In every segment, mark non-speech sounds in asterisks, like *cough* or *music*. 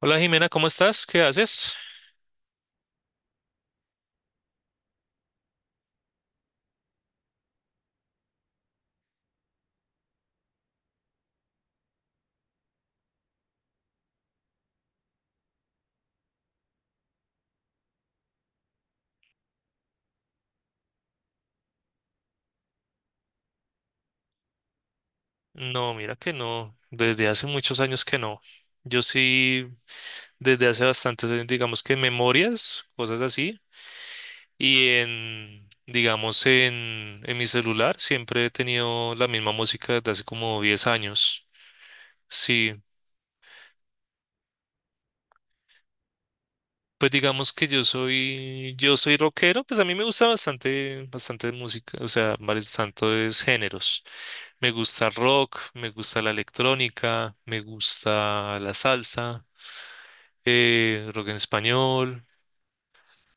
Hola Jimena, ¿cómo estás? ¿Qué haces? No, mira que no, desde hace muchos años que no. Yo sí, desde hace bastantes años, digamos que en memorias, cosas así, y en mi celular siempre he tenido la misma música desde hace como 10 años. Sí, pues digamos que yo soy rockero, pues a mí me gusta bastante, bastante música, o sea, varios tantos géneros. Me gusta el rock, me gusta la electrónica, me gusta la salsa. Rock en español,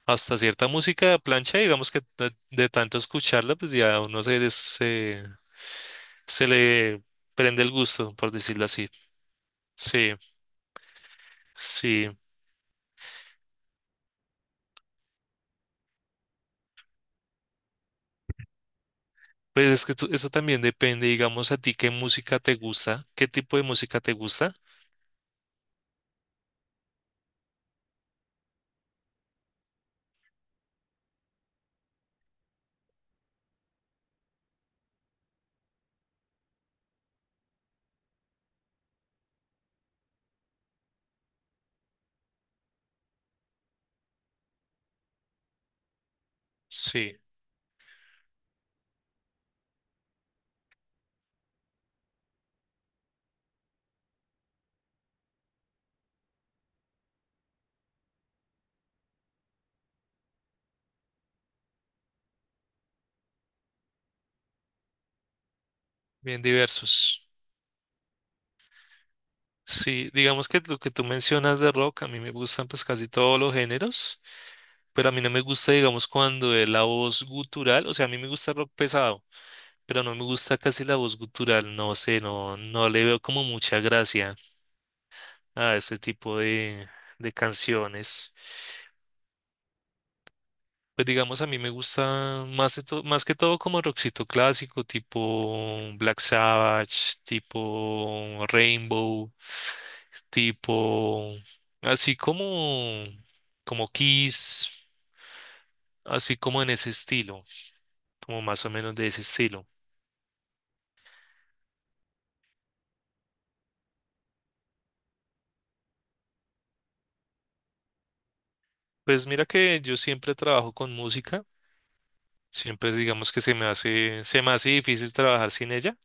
hasta cierta música de plancha, digamos que de tanto escucharla, pues ya a uno se le prende el gusto, por decirlo así. Sí, sí. Pues es que eso también depende, digamos, a ti qué música te gusta, qué tipo de música te gusta. Sí, bien diversos. Sí, digamos que lo que tú mencionas de rock, a mí me gustan pues casi todos los géneros, pero a mí no me gusta, digamos, cuando es la voz gutural, o sea, a mí me gusta rock pesado. Pero no me gusta casi la voz gutural, no sé, no le veo como mucha gracia a ese tipo de canciones. Pues digamos, a mí me gusta más, más que todo como rockcito clásico, tipo Black Sabbath, tipo Rainbow, tipo así como, como Kiss, así como en ese estilo, como más o menos de ese estilo. Pues mira que yo siempre trabajo con música. Siempre digamos que se me hace difícil trabajar sin ella,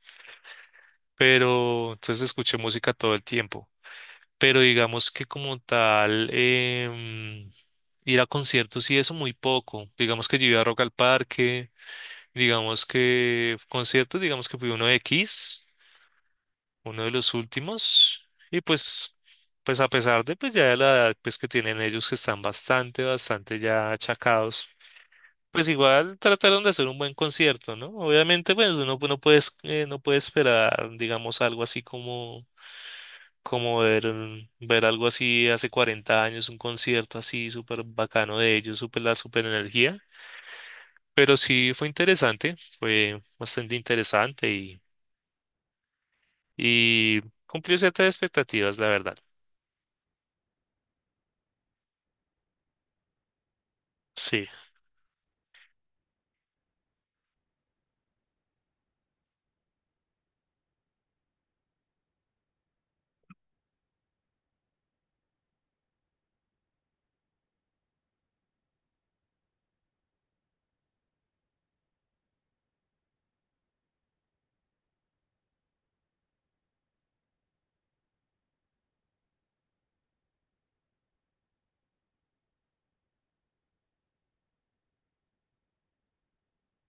pero entonces escuché música todo el tiempo. Pero digamos que como tal, ir a conciertos y eso muy poco. Digamos que yo iba a Rock al Parque, digamos que conciertos, digamos que fui uno de Kiss, uno de los últimos, y pues, pues a pesar de pues ya de la edad pues que tienen ellos que están bastante, bastante ya achacados. Pues igual trataron de hacer un buen concierto, ¿no? Obviamente, pues uno no puede, no puede esperar, digamos, algo así como, como ver, ver algo así hace 40 años, un concierto así súper bacano de ellos, súper la súper energía. Pero sí fue interesante, fue bastante interesante y cumplió ciertas expectativas, la verdad. Sí,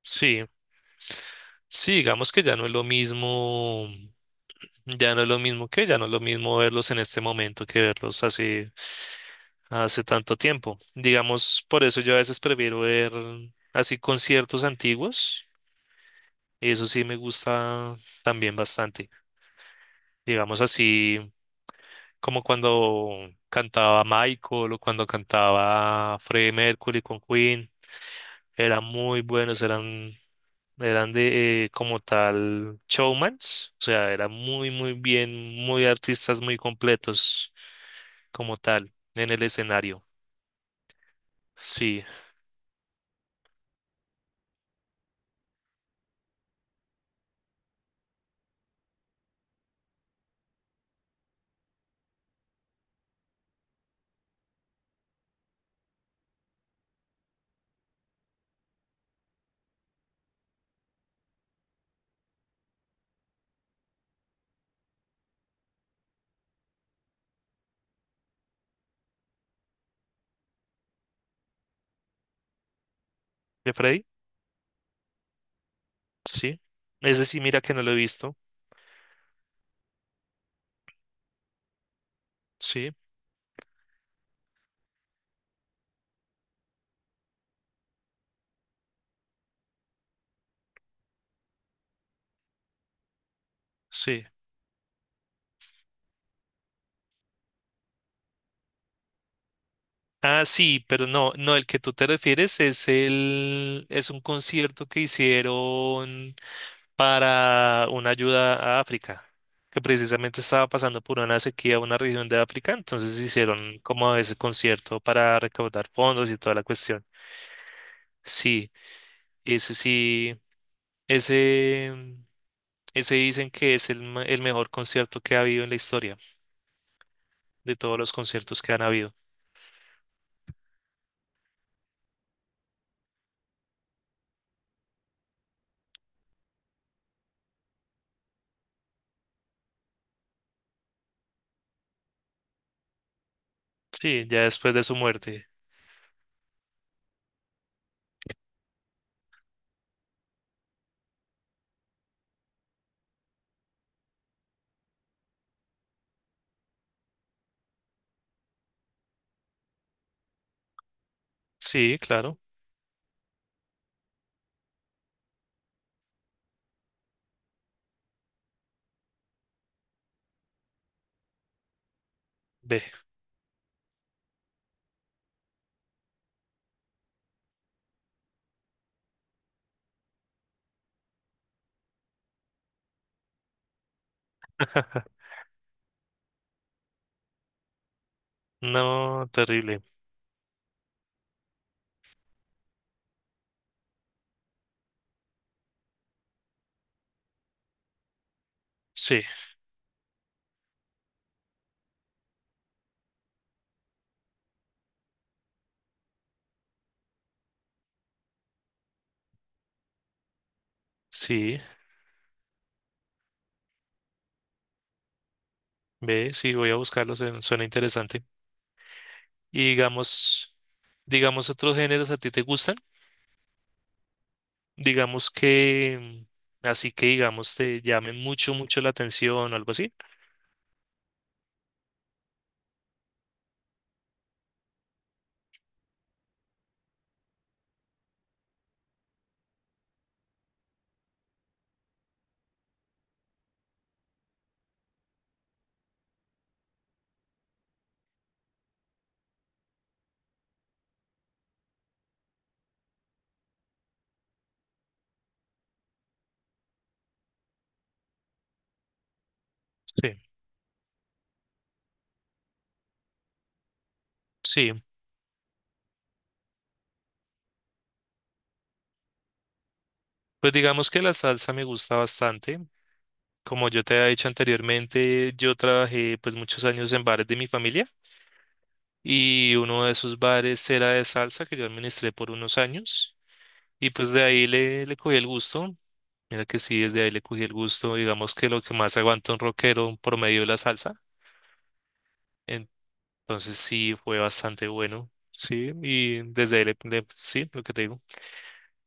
sí, sí, digamos que ya no es lo mismo, ya no es lo mismo ya no es lo mismo verlos en este momento que verlos hace hace tanto tiempo. Digamos, por eso yo a veces prefiero ver así conciertos antiguos y eso sí me gusta también bastante. Digamos así como cuando cantaba Michael o cuando cantaba Freddie Mercury con Queen, eran muy buenos, eran de como tal showmans, o sea, eran muy muy bien, muy artistas muy completos como tal en el escenario. Sí, ¿de Freddie? Sí. Es decir, mira que no lo he visto. Sí, sí. Ah, sí, pero no, no, el que tú te refieres es es un concierto que hicieron para una ayuda a África, que precisamente estaba pasando por una sequía una región de África, entonces hicieron como ese concierto para recaudar fondos y toda la cuestión. Sí, sí, ese, ese dicen que es el mejor concierto que ha habido en la historia, de todos los conciertos que han habido. Sí, ya después de su muerte. Sí, claro. Ve. *laughs* No, terrible. Sí, sí. Ve, sí, voy a buscarlo. Suena interesante. Y digamos, digamos otros géneros a ti te gustan. Digamos que, mm, así que digamos te llamen mucho, mucho la atención o algo así. Sí, sí. Pues digamos que la salsa me gusta bastante. Como yo te he dicho anteriormente, yo trabajé pues muchos años en bares de mi familia. Y uno de esos bares era de salsa que yo administré por unos años y pues de ahí le cogí el gusto. Mira que sí, desde ahí le cogí el gusto, digamos que lo que más aguanta un rockero promedio es la salsa. Entonces sí, fue bastante bueno, sí, y desde ahí, sí, lo que te digo,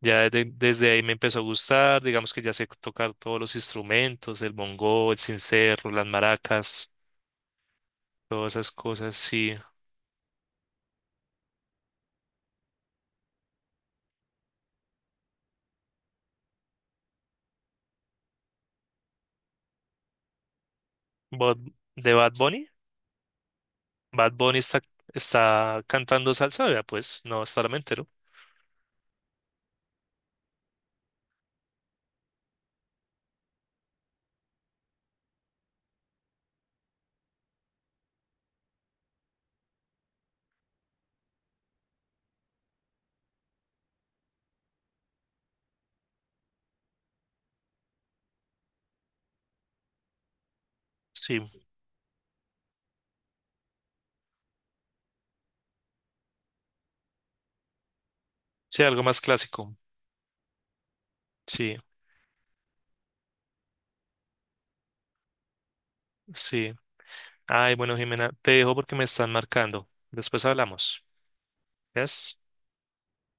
desde ahí me empezó a gustar, digamos que ya sé tocar todos los instrumentos, el bongo, el sincero, las maracas, todas esas cosas, sí. Bad- ¿De Bad Bunny? Bad Bunny está cantando salsa, vea, pues no, hasta ahora me entero. Sí, sí, algo más clásico. Sí, sí. Ay, bueno, Jimena, te dejo porque me están marcando. Después hablamos. ¿Ves?